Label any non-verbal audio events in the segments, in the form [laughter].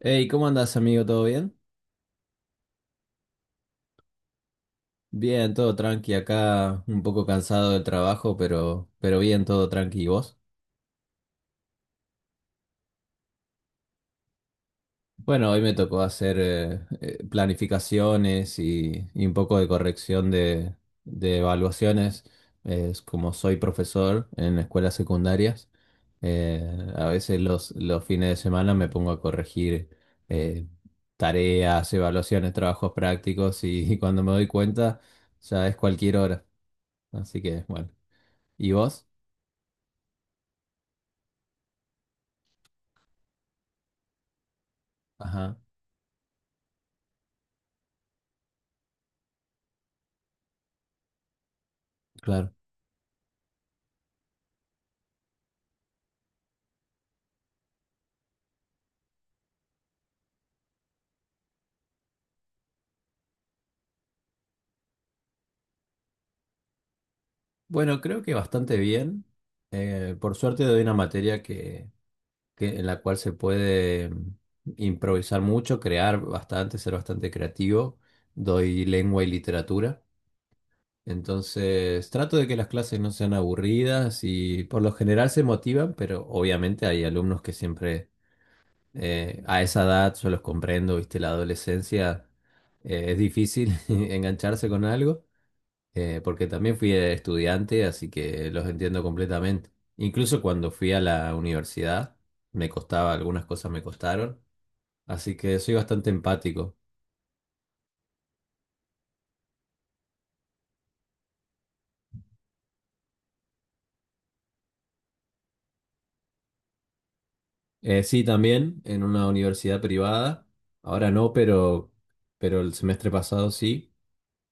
Hey, ¿cómo andas, amigo? ¿Todo bien? Bien, todo tranqui acá, un poco cansado del trabajo, pero bien, todo tranqui. ¿Y vos? Bueno, hoy me tocó hacer planificaciones y un poco de corrección de evaluaciones. Es como soy profesor en escuelas secundarias, a veces los fines de semana me pongo a corregir eh, tareas, evaluaciones, trabajos prácticos [laughs] y cuando me doy cuenta ya es cualquier hora. Así que, bueno. ¿Y vos? Ajá, claro. Bueno, creo que bastante bien. Por suerte doy una materia en la cual se puede improvisar mucho, crear bastante, ser bastante creativo. Doy lengua y literatura. Entonces, trato de que las clases no sean aburridas y por lo general se motivan, pero obviamente hay alumnos que siempre a esa edad, yo los comprendo, viste, la adolescencia es difícil [laughs] engancharse con algo. Porque también fui estudiante, así que los entiendo completamente. Incluso cuando fui a la universidad, me costaba, algunas cosas me costaron, así que soy bastante empático. Sí, también en una universidad privada, ahora no, pero el semestre pasado sí,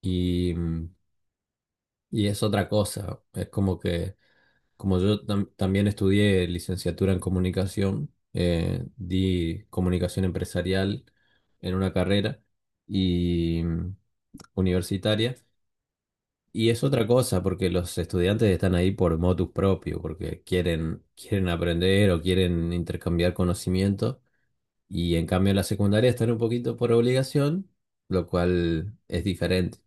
y, mm, y es otra cosa, es como que, como yo también estudié licenciatura en comunicación, di comunicación empresarial en una carrera. Y universitaria. Y es otra cosa, porque los estudiantes están ahí por motus propio, porque quieren, quieren aprender o quieren intercambiar conocimiento. Y en cambio en la secundaria están un poquito por obligación, lo cual es diferente.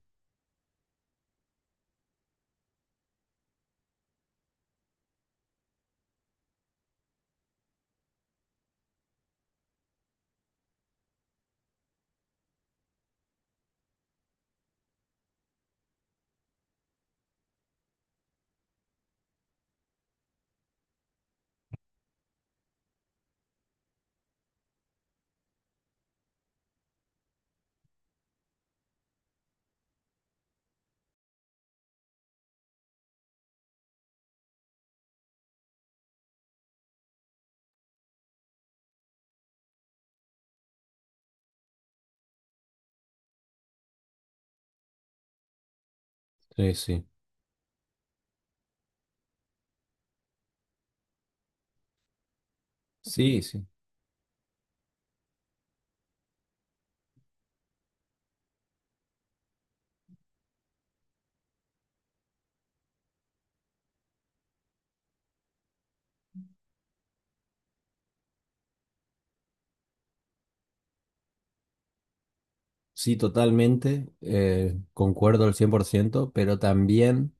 Sí, sí. Sí, sí. Sí, totalmente. Concuerdo al 100%, pero también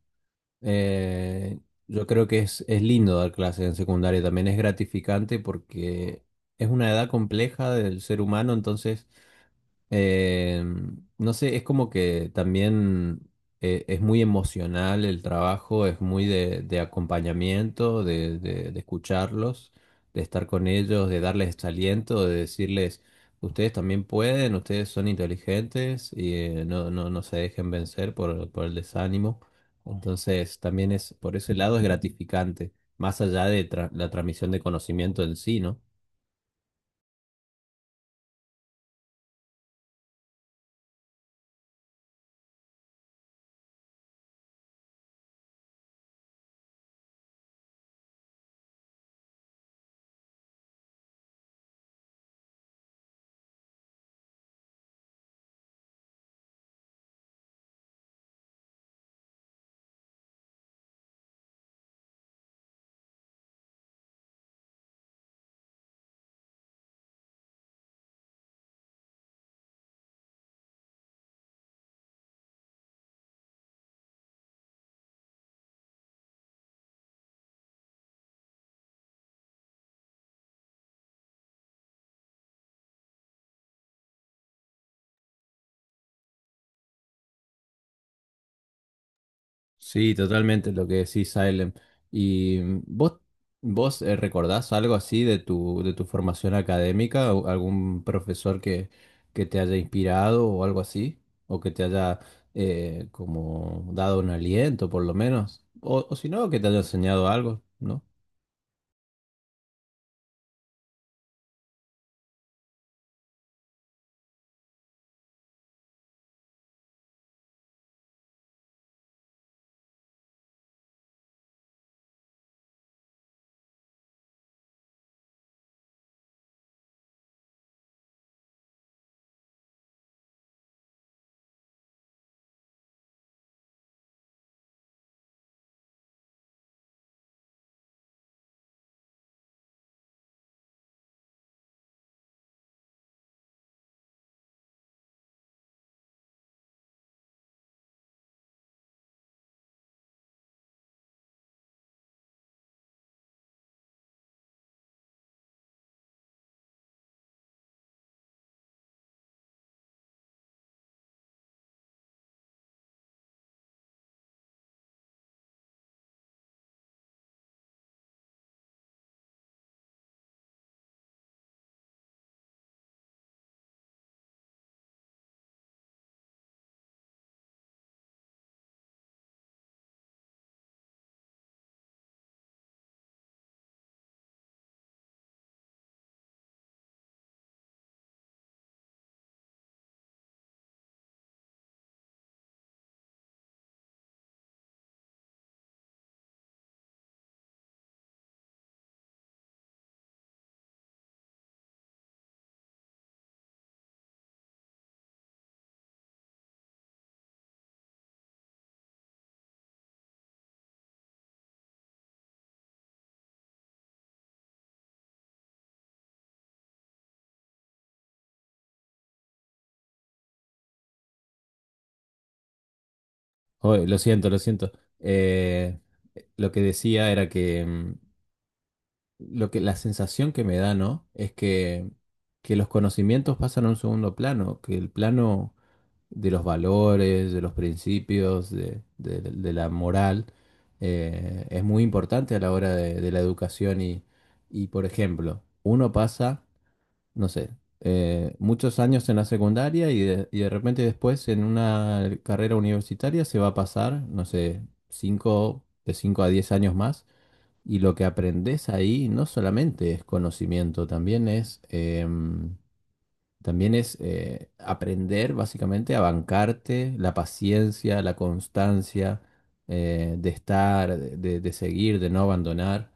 eh, yo creo que es lindo dar clases en secundaria. También es gratificante porque es una edad compleja del ser humano. Entonces Eh, no sé, es como que también es muy emocional el trabajo, es muy de acompañamiento, de escucharlos, de estar con ellos, de darles este aliento, de decirles, ustedes también pueden, ustedes son inteligentes y no, no, no se dejen vencer por el desánimo. Entonces, también es, por ese lado es gratificante, más allá de la transmisión de conocimiento en sí, ¿no? Sí, totalmente lo que decís, Silent. ¿Y vos, recordás algo así de tu formación académica? ¿O algún profesor que te haya inspirado o algo así? ¿O que te haya como dado un aliento, por lo menos? O si no, que te haya enseñado algo, ¿no? Oye, lo siento, lo siento. Eh, lo que decía era que, lo que la sensación que me da, ¿no? Es que, los conocimientos pasan a un segundo plano, que el plano de los valores, de los principios, de la moral, es muy importante a la hora de la educación y, por ejemplo, uno pasa, no sé, muchos años en la secundaria y de repente después en una carrera universitaria se va a pasar, no sé, cinco, de 5 a 10 años más. Y lo que aprendes ahí no solamente es conocimiento, también es aprender básicamente a bancarte la paciencia, la constancia de estar, de seguir, de no abandonar,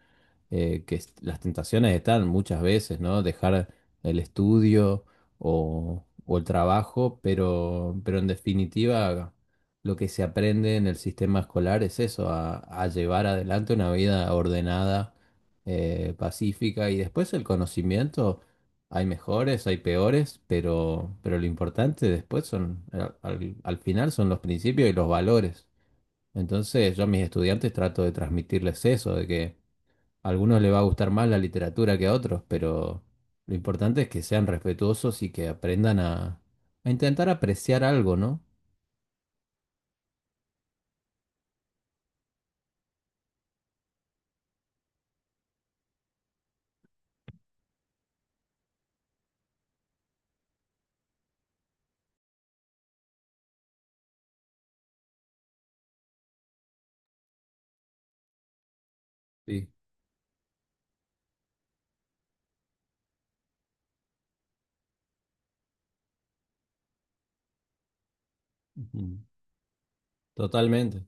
las tentaciones están muchas veces, ¿no? Dejar el estudio o el trabajo, pero en definitiva lo que se aprende en el sistema escolar es eso, a llevar adelante una vida ordenada, pacífica y después el conocimiento. Hay mejores, hay peores, pero lo importante después son, al final son los principios y los valores. Entonces yo a mis estudiantes trato de transmitirles eso, de que a algunos les va a gustar más la literatura que a otros, pero lo importante es que sean respetuosos y que aprendan a intentar apreciar algo, ¿no? Sí. Ujú. Totalmente.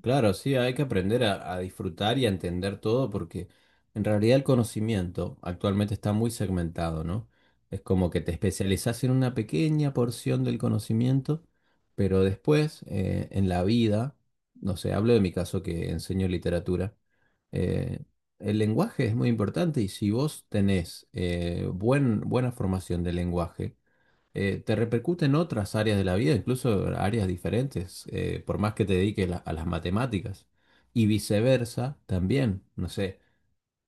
Claro, sí, hay que aprender a disfrutar y a entender todo porque en realidad el conocimiento actualmente está muy segmentado, ¿no? Es como que te especializas en una pequeña porción del conocimiento, pero después en la vida, no sé, hablo de mi caso que enseño literatura, eh, el lenguaje es muy importante y si vos tenés buena formación del lenguaje, te repercute en otras áreas de la vida, incluso áreas diferentes, por más que te dediques a las matemáticas. Y viceversa también, no sé,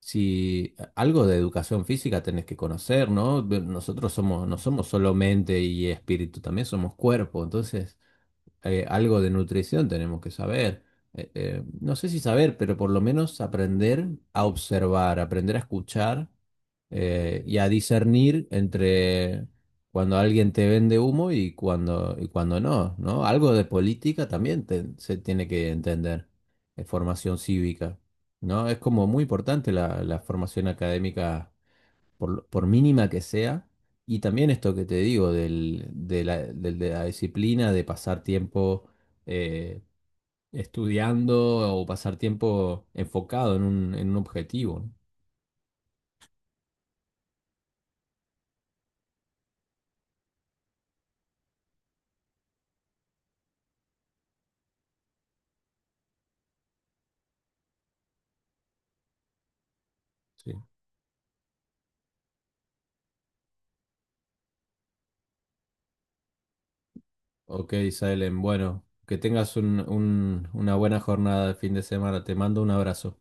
si algo de educación física tenés que conocer, ¿no? Nosotros somos, no somos solo mente y espíritu, también somos cuerpo, entonces algo de nutrición tenemos que saber. No sé si saber, pero por lo menos aprender a observar, aprender a escuchar y a discernir entre cuando alguien te vende humo y y cuando no, ¿no? Algo de política también se tiene que entender, formación cívica, ¿no? Es como muy importante la formación académica por mínima que sea, y también esto que te digo de la disciplina de pasar tiempo eh, estudiando o pasar tiempo enfocado en en un objetivo, ¿no? Sí. Ok, Salem, bueno, que tengas una buena jornada de fin de semana. Te mando un abrazo.